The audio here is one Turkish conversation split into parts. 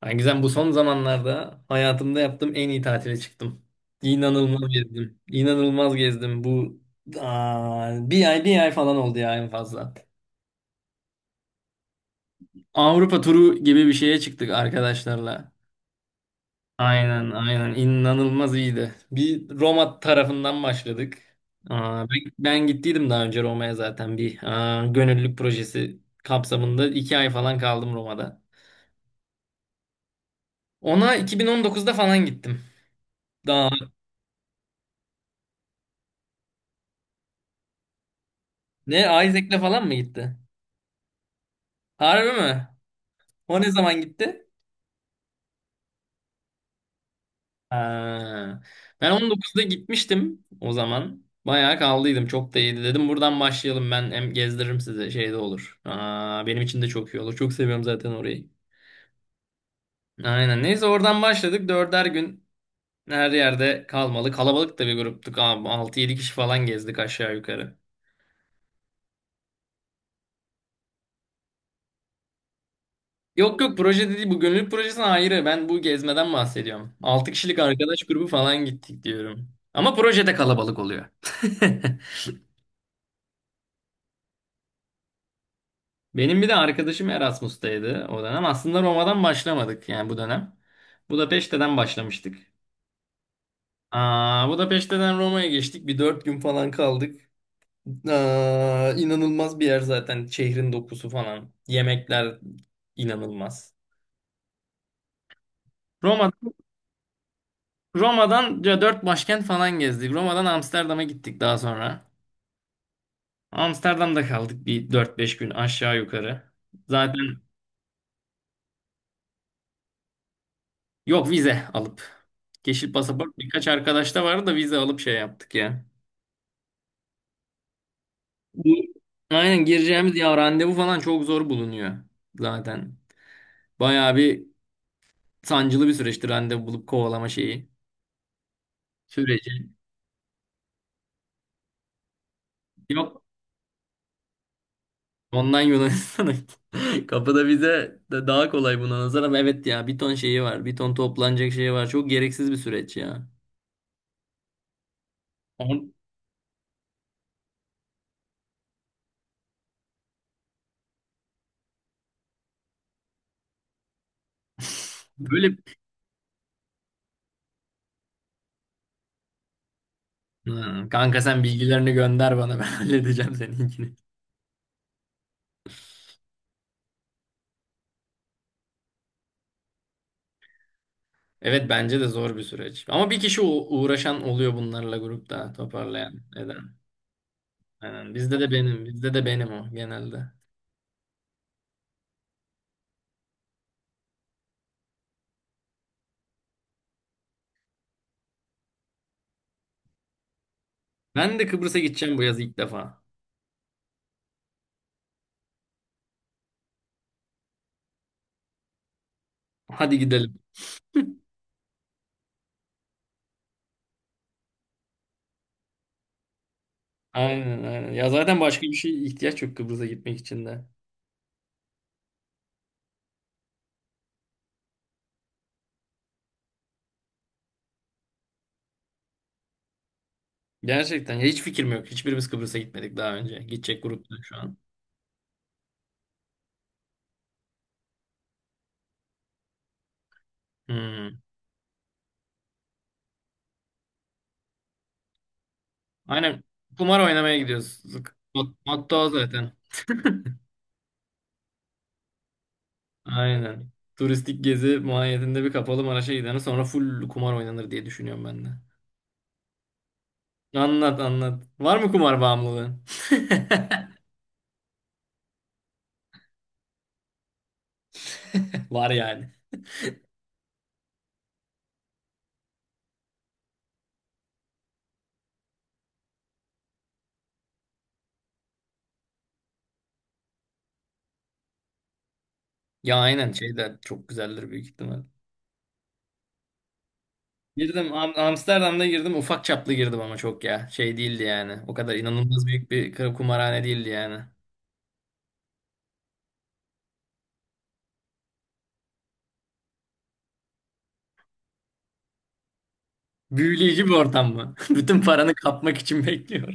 Ha, Gizem, bu son zamanlarda hayatımda yaptığım en iyi tatile çıktım. İnanılmaz gezdim. İnanılmaz gezdim. Bir ay bir ay falan oldu ya en fazla. Avrupa turu gibi bir şeye çıktık arkadaşlarla. Aynen, aynen, inanılmaz iyiydi. Bir Roma tarafından başladık. Ben gittiydim daha önce Roma'ya zaten bir gönüllülük projesi kapsamında iki ay falan kaldım Roma'da. Ona 2019'da falan gittim. Daha ne, Isaac'le falan mı gitti? Harbi mi? O ne zaman gitti? Ha. Ben 19'da gitmiştim o zaman. Bayağı kaldıydım. Çok da iyiydi, dedim. Buradan başlayalım. Ben hem gezdiririm size. Şey de olur. Benim için de çok iyi olur. Çok seviyorum zaten orayı. Aynen. Neyse, oradan başladık. Dörder gün her yerde kalmalı. Kalabalık da bir gruptuk. Abi. 6-7 kişi falan gezdik aşağı yukarı. Yok yok, proje değil. Bu gönüllülük projesine ayrı. Ben bu gezmeden bahsediyorum. 6 kişilik arkadaş grubu falan gittik diyorum. Ama projede kalabalık oluyor. Benim bir de arkadaşım Erasmus'taydı o dönem. Aslında Roma'dan başlamadık yani bu dönem. Budapeşte'den başlamıştık. Budapeşte'den Roma'ya geçtik. Bir dört gün falan kaldık. İnanılmaz bir yer zaten. Şehrin dokusu falan. Yemekler inanılmaz. Roma, Roma'dan ya dört başkent falan gezdik. Roma'dan Amsterdam'a gittik daha sonra. Amsterdam'da kaldık bir dört beş gün aşağı yukarı. Zaten yok, vize alıp. Yeşil pasaport birkaç arkadaşta vardı da vize alıp şey yaptık ya. Bu aynen gireceğimiz ya, randevu falan çok zor bulunuyor zaten. Bayağı bir sancılı bir süreçti randevu bulup kovalama şeyi. Süreci. Yok, ondan Yunanistan'a gittim. Kapıda vize de daha kolay buna nazaran. Evet ya, bir ton şeyi var. Bir ton toplanacak şeyi var. Çok gereksiz bir süreç ya. On- Böyle Ha, kanka, sen bilgilerini gönder bana, ben halledeceğim seninkini. Evet, bence de zor bir süreç. Ama bir kişi uğraşan oluyor bunlarla, grupta toparlayan. Neden? Aynen. Bizde de benim o genelde. Ben de Kıbrıs'a gideceğim bu yaz ilk defa. Hadi gidelim. Aynen, aynen. Ya zaten başka bir şey ihtiyaç yok Kıbrıs'a gitmek için de. Gerçekten ya, hiç fikrim yok. Hiçbirimiz Kıbrıs'a gitmedik daha önce. Gidecek grupta şu an. Hmm. Aynen. Kumar oynamaya gidiyoruz. Motto o zaten. Aynen. Turistik gezi mahiyetinde bir kapalı Maraş'a gidene sonra full kumar oynanır diye düşünüyorum ben de. Anlat, anlat. Var mı kumar bağımlılığın? Var yani. Ya aynen, şey de çok güzeldir büyük ihtimal. Girdim, Amsterdam'da girdim, ufak çaplı girdim ama çok ya. Şey değildi yani. O kadar inanılmaz büyük bir kumarhane değildi yani. Büyüleyici bir ortam mı? Bütün paranı kapmak için bekliyor.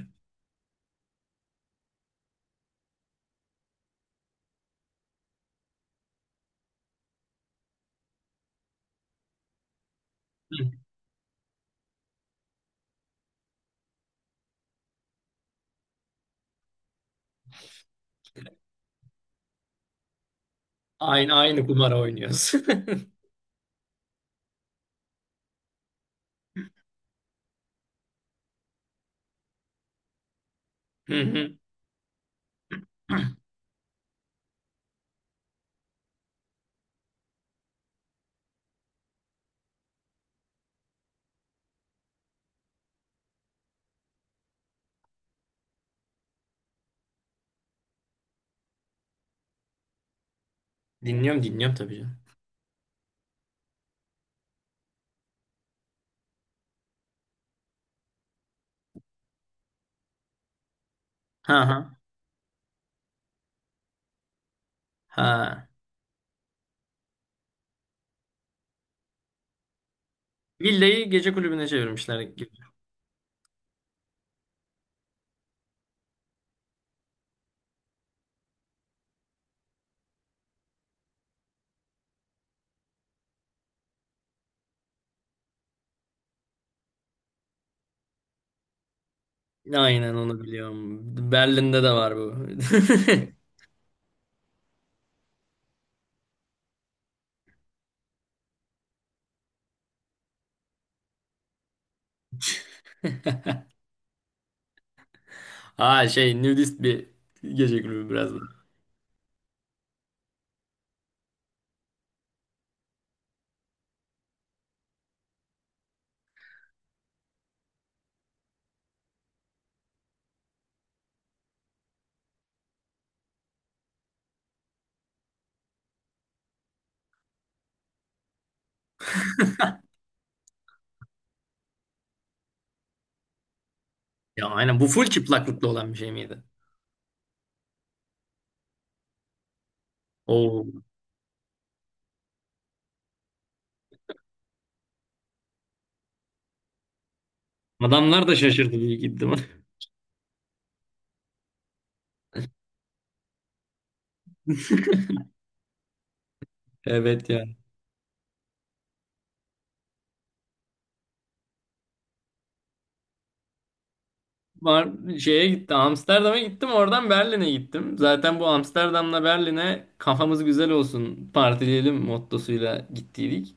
Aynı, aynı, kumar oynuyoruz. Hı hı. Dinliyorum, dinliyorum, tabii canım. Ha ha. Ha. Villayı gece kulübüne çevirmişler. Aynen, onu biliyorum. Berlin'de de var bu. Ha, şey, nudist bir gece kulübü biraz da. Ya aynen, bu full çıplaklıklı olan bir şey miydi? Oo. Adamlar da şaşırdı büyük ihtimal. Evet ya. Var, şeye gitti, Amsterdam'a gittim, oradan Berlin'e gittim. Zaten bu Amsterdam'la Berlin'e kafamız güzel olsun, partileyelim mottosuyla gittiydik.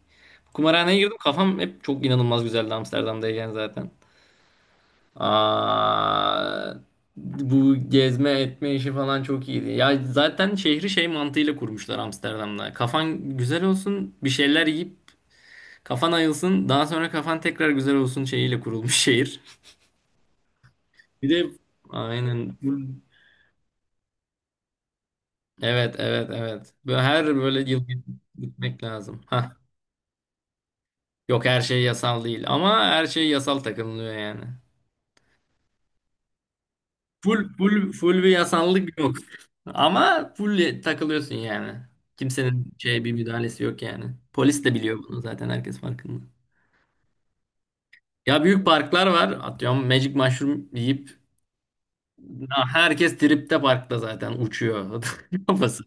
Kumarhaneye girdim, kafam hep çok inanılmaz güzeldi Amsterdam'dayken zaten. Aa, Bu gezme etme işi falan çok iyiydi. Ya zaten şehri şey mantığıyla kurmuşlar Amsterdam'da. Kafan güzel olsun, bir şeyler yiyip kafan ayılsın, daha sonra kafan tekrar güzel olsun şeyiyle kurulmuş şehir. Bir de aynen. Evet, evet, evet. Böyle her böyle yıl gitmek lazım. Ha. Yok, her şey yasal değil ama her şey yasal takılıyor yani. Full full full bir yasanlık yok. Ama full takılıyorsun yani. Kimsenin şey bir müdahalesi yok yani. Polis de biliyor bunu, zaten herkes farkında. Ya büyük parklar var. Atıyorum, Magic Mushroom yiyip ya herkes tripte, parkta zaten uçuyor kafası.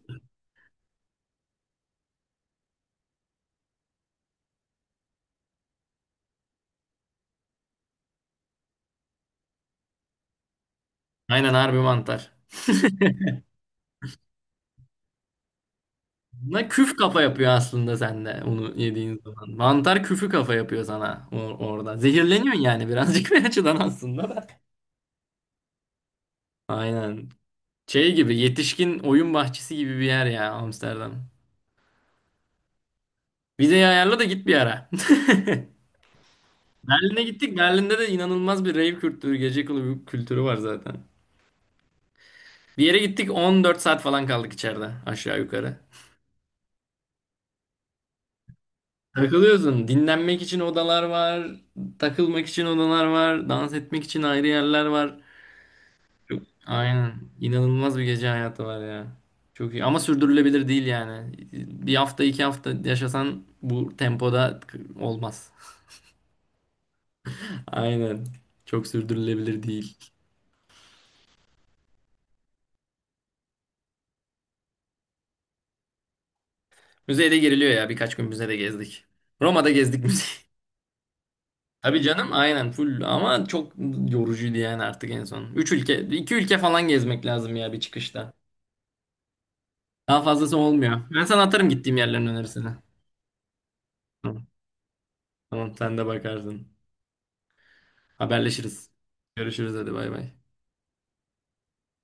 Aynen, harbi mantar. Ne küf kafa yapıyor aslında sende onu yediğin zaman. Mantar küfü kafa yapıyor sana orada. Zehirleniyorsun yani birazcık bir açıdan aslında da. Aynen. Şey gibi, yetişkin oyun bahçesi gibi bir yer ya Amsterdam. Vizeyi ayarla da git bir ara. Berlin'e gittik. Berlin'de de inanılmaz bir rave kültürü, gece kulübü kültürü var zaten. Bir yere gittik, 14 saat falan kaldık içeride aşağı yukarı. Takılıyorsun. Dinlenmek için odalar var. Takılmak için odalar var. Dans etmek için ayrı yerler var. Aynen. İnanılmaz bir gece hayatı var ya. Çok iyi. Ama sürdürülebilir değil yani. Bir hafta iki hafta yaşasan bu tempoda olmaz. Aynen. Çok sürdürülebilir değil. Müzeyde giriliyor ya. Birkaç gün müzede gezdik. Roma'da gezdik müze. Tabii canım, aynen full, ama çok yorucuydu yani artık en son. Üç ülke, iki ülke falan gezmek lazım ya bir çıkışta. Daha fazlası olmuyor. Ben sana atarım gittiğim yerlerin önerisini. Tamam, tamam, sen de bakarsın. Haberleşiriz. Görüşürüz, hadi bay bay.